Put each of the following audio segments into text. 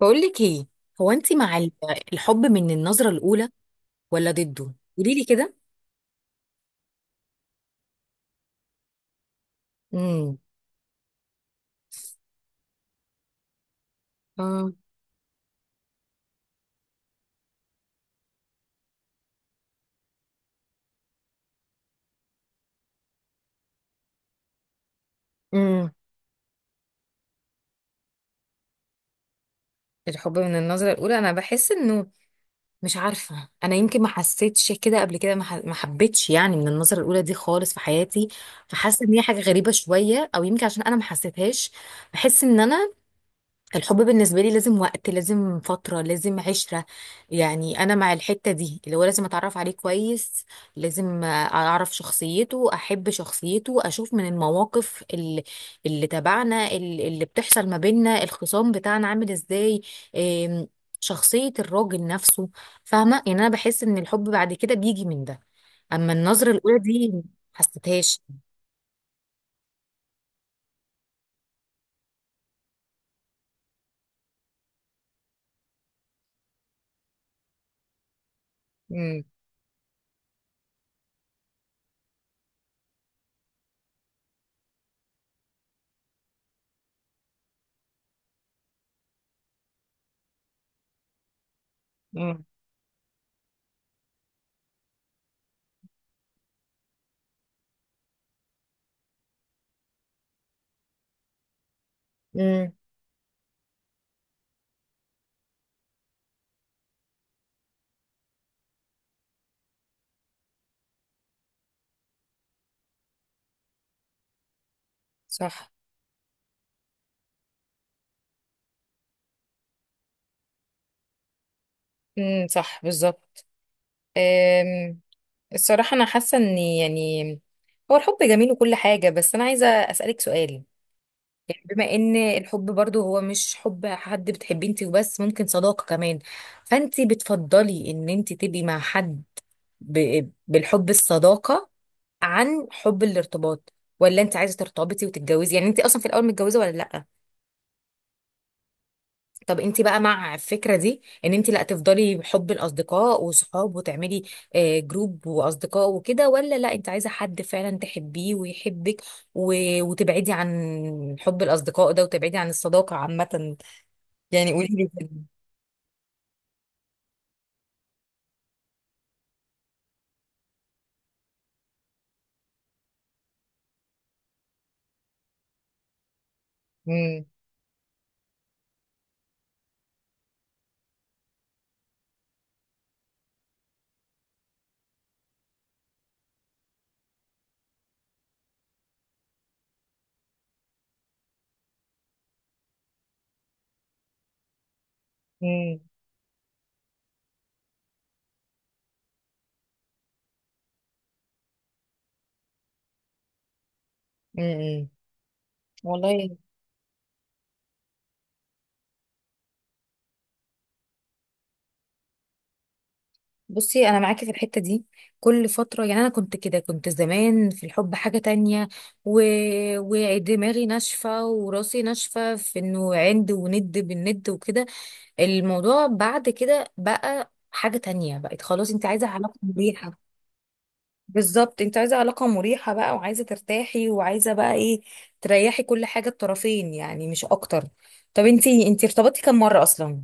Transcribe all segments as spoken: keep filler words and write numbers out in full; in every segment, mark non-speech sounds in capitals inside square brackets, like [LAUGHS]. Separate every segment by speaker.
Speaker 1: بقولك ايه. هو انت مع ال- الحب من النظرة الأولى ولا ضده؟ قولي لي كده. امم. اه. امم. الحب من النظرة الأولى أنا بحس إنه، مش عارفة، أنا يمكن ما حسيتش كده قبل كده، ما ح- ما حبيتش يعني من النظرة الأولى دي خالص في حياتي. فحاسة إن هي حاجة غريبة شوية، أو يمكن عشان أنا ما حسيتهاش. بحس إن أنا، الحب بالنسبة لي لازم وقت، لازم فترة، لازم عشرة. يعني أنا مع الحتة دي، اللي هو لازم أتعرف عليه كويس، لازم أعرف شخصيته، أحب شخصيته، أشوف من المواقف اللي, اللي تبعنا، ال- اللي بتحصل ما بيننا، الخصام بتاعنا عامل إزاي، إم، شخصية الراجل نفسه. فاهمة؟ يعني أنا بحس إن الحب بعد كده بيجي من ده. أما النظرة الأولى دي محسيتهاش. امم. امم. مم. صح. امم، صح، بالظبط. أم. الصراحة أنا حاسة إن يعني هو الحب جميل وكل حاجة، بس أنا عايزة أسألك سؤال. يعني بما إن الحب برضو هو مش حب حد بتحبيه أنت وبس، ممكن صداقة كمان. فأنت بتفضلي إن أنت تبقي مع حد ب... بالحب الصداقة عن حب الارتباط؟ ولا أنت عايزة ترتبطي وتتجوزي؟ يعني أنت أصلا في الأول متجوزة ولا لأ؟ طب انت بقى مع الفكره دي، ان انت لا تفضلي بحب الاصدقاء وصحاب وتعملي آه، جروب واصدقاء وكده، ولا لا، انت عايزه حد فعلا تحبيه ويحبك، و- وتبعدي عن حب الاصدقاء ده، وتبعدي عن الصداقه عامه. يعني قولي لي كده. امم. امم. امم. والله. بصي، انا معاكي في الحته دي. كل فتره، يعني انا كنت كده، كنت زمان في الحب حاجه تانية و... ودماغي ناشفه وراسي ناشفه في انه عند وند بالند وكده. الموضوع بعد كده بقى حاجة تانية، بقت خلاص انت عايزة علاقة مريحة. بالظبط، انت عايزة علاقة مريحة بقى، وعايزة ترتاحي، وعايزة بقى ايه، تريحي كل حاجة، الطرفين يعني، مش اكتر. طب انت انت ارتبطتي كم مرة اصلا؟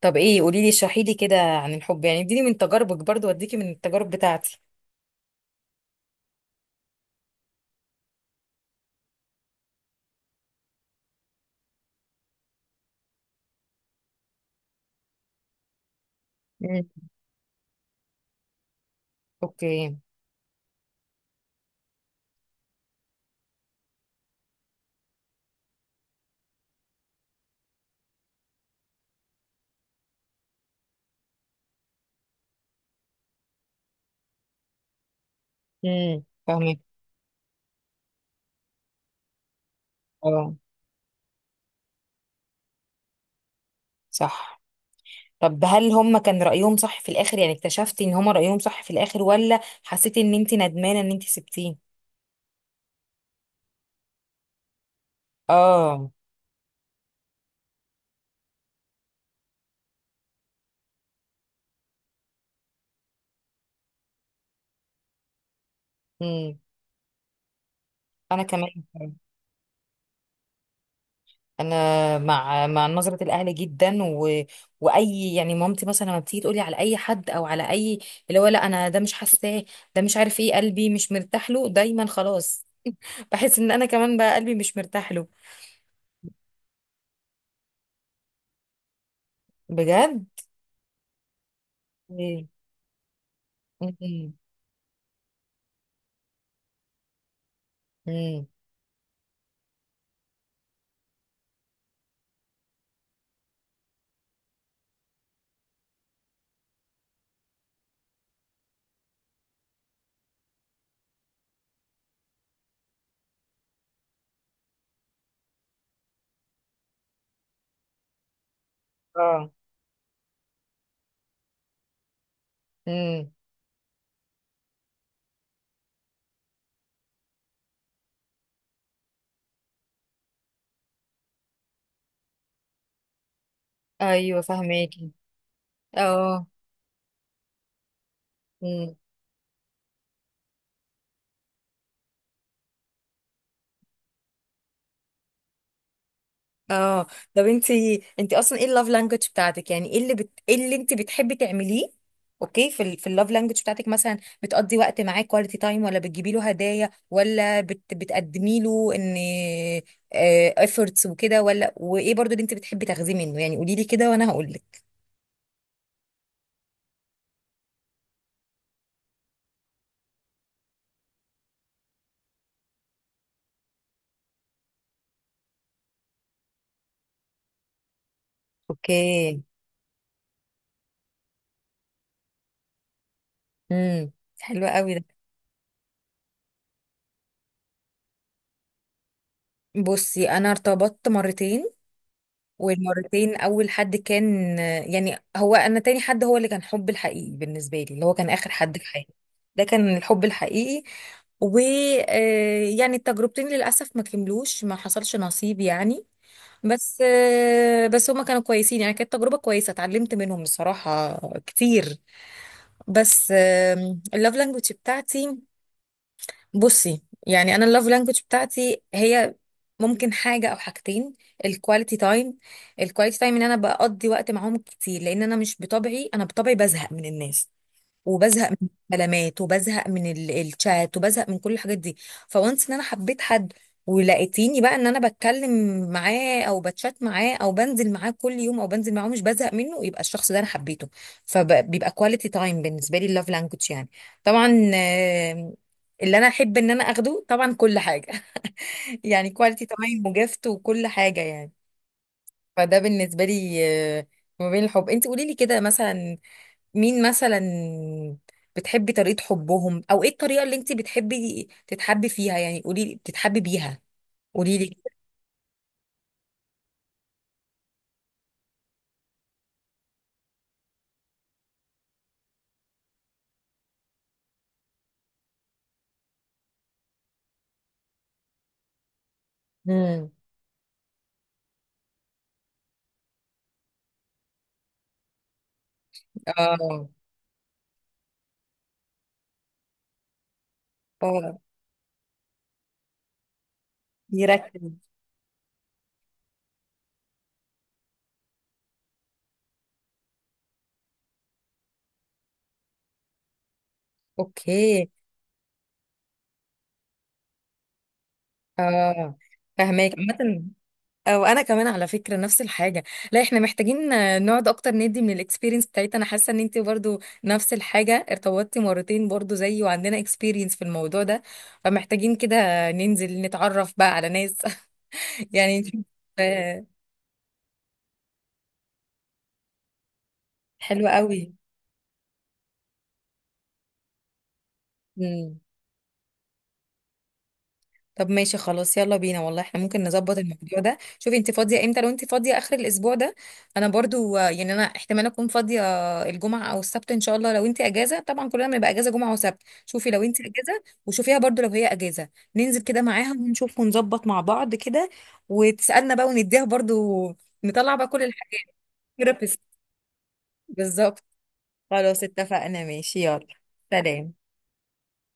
Speaker 1: طب ايه، قولي لي، اشرحي لي كده عن الحب، يعني اديني من تجاربك برضو واديكي من التجارب بتاعتي. امم. اوكي. امم، فاهمك. اه. صح. طب هل هم كان رأيهم صح في الآخر؟ يعني اكتشفتي ان هم رأيهم صح في الآخر ولا حسيتي ان انت ندمانة ان انت سبتيه؟ اه. امم. انا كمان. انا مع مع نظره الاهل جدا و... واي يعني، مامتي مثلا لما بتيجي تقولي على اي حد او على اي، اللي هو لا، انا ده مش حاساه، ده مش عارف ايه، قلبي مش مرتاح له، دايما خلاص بحس ان انا كمان بقى قلبي مش مرتاح له. بجد. ايه. امم. امم. اه. امم. ايوه، فهماكي. اه. اه. طب انتي انتي اصلا ايه اللاف لانجوج بتاعتك؟ يعني ايه اللي بت... ايه اللي انتي بتحبي تعمليه؟ اوكي، في ال... في اللاف لانجوج بتاعتك مثلا، بتقضي وقت معاه كواليتي تايم، ولا بتجيبي له هدايا، ولا بت... بتقدمي له ان افورتس وكده، ولا وايه برضو اللي انتي بتحبي تاخديه منه؟ يعني قولي لي كده وانا هقول لك. اوكي. امم. حلو قوي ده. بصي انا ارتبطت مرتين. والمرتين اول حد كان، يعني هو، انا تاني حد هو اللي كان حب الحقيقي بالنسبه لي، اللي هو كان اخر حد في حياتي. ده كان الحب الحقيقي. و آه، يعني التجربتين للاسف ما كملوش، ما حصلش نصيب يعني. بس آه، بس هما كانوا كويسين، يعني كانت تجربه كويسه، اتعلمت منهم بصراحه كتير. بس آم، اللوف لانجوج بتاعتي، بصي يعني انا اللوف لانجوج بتاعتي هي ممكن حاجة أو حاجتين. الكواليتي تايم. الكواليتي تايم إن أنا بقضي وقت معاهم كتير، لأن أنا مش بطبعي، أنا بطبعي بزهق من الناس، وبزهق من الكلامات، وبزهق من ال- الشات، وبزهق من كل الحاجات دي. فوانس إن أنا حبيت حد، ولقيتيني بقى إن أنا بتكلم معاه، أو بتشات معاه، أو بنزل معاه كل يوم، أو بنزل معاه مش بزهق منه، يبقى الشخص ده أنا حبيته. فبيبقى كواليتي تايم بالنسبة لي اللاف لانجوج يعني. طبعا آه، اللي أنا أحب إن أنا أخده طبعا كل حاجة، يعني كواليتي تمام وجفت وكل حاجة يعني. فده بالنسبة لي. آه، ما بين الحب، انت قولي لي كده مثلا، مين مثلا بتحبي طريقة حبهم، او ايه الطريقة اللي انت بتحبي تتحبي فيها؟ يعني قولي لي بتتحبي بيها. قولي لي. امم. اه. اه، يركز. اوكي. اه، فهماك عامة. آه، وانا كمان على فكره نفس الحاجه. لا، احنا محتاجين آه، نقعد اكتر، ندي من الاكسبيرينس بتاعتنا، انا حاسه ان انت برضو نفس الحاجه، ارتبطتي مرتين برضو زيي، وعندنا اكسبيرينس في الموضوع ده. فمحتاجين كده ننزل نتعرف بقى على ناس [LAUGHS] يعني. آه، حلوه قوي. طب ماشي خلاص يلا بينا والله، احنا ممكن نظبط الموضوع ده، شوفي انت فاضية امتى، لو انت فاضية اخر الاسبوع ده. انا برضو آه، يعني انا احتمال اكون فاضية الجمعة او السبت ان شاء الله، لو انت اجازة، طبعا كلنا بنبقى اجازة جمعة وسبت، شوفي لو انت اجازة، وشوفيها برضو لو هي اجازة، ننزل كده معاها ونشوف ونظبط مع بعض كده، وتسألنا بقى ونديها برضو، نطلع بقى كل الحاجات. ثيرابيست. بالظبط. خلاص اتفقنا ماشي يلا. سلام.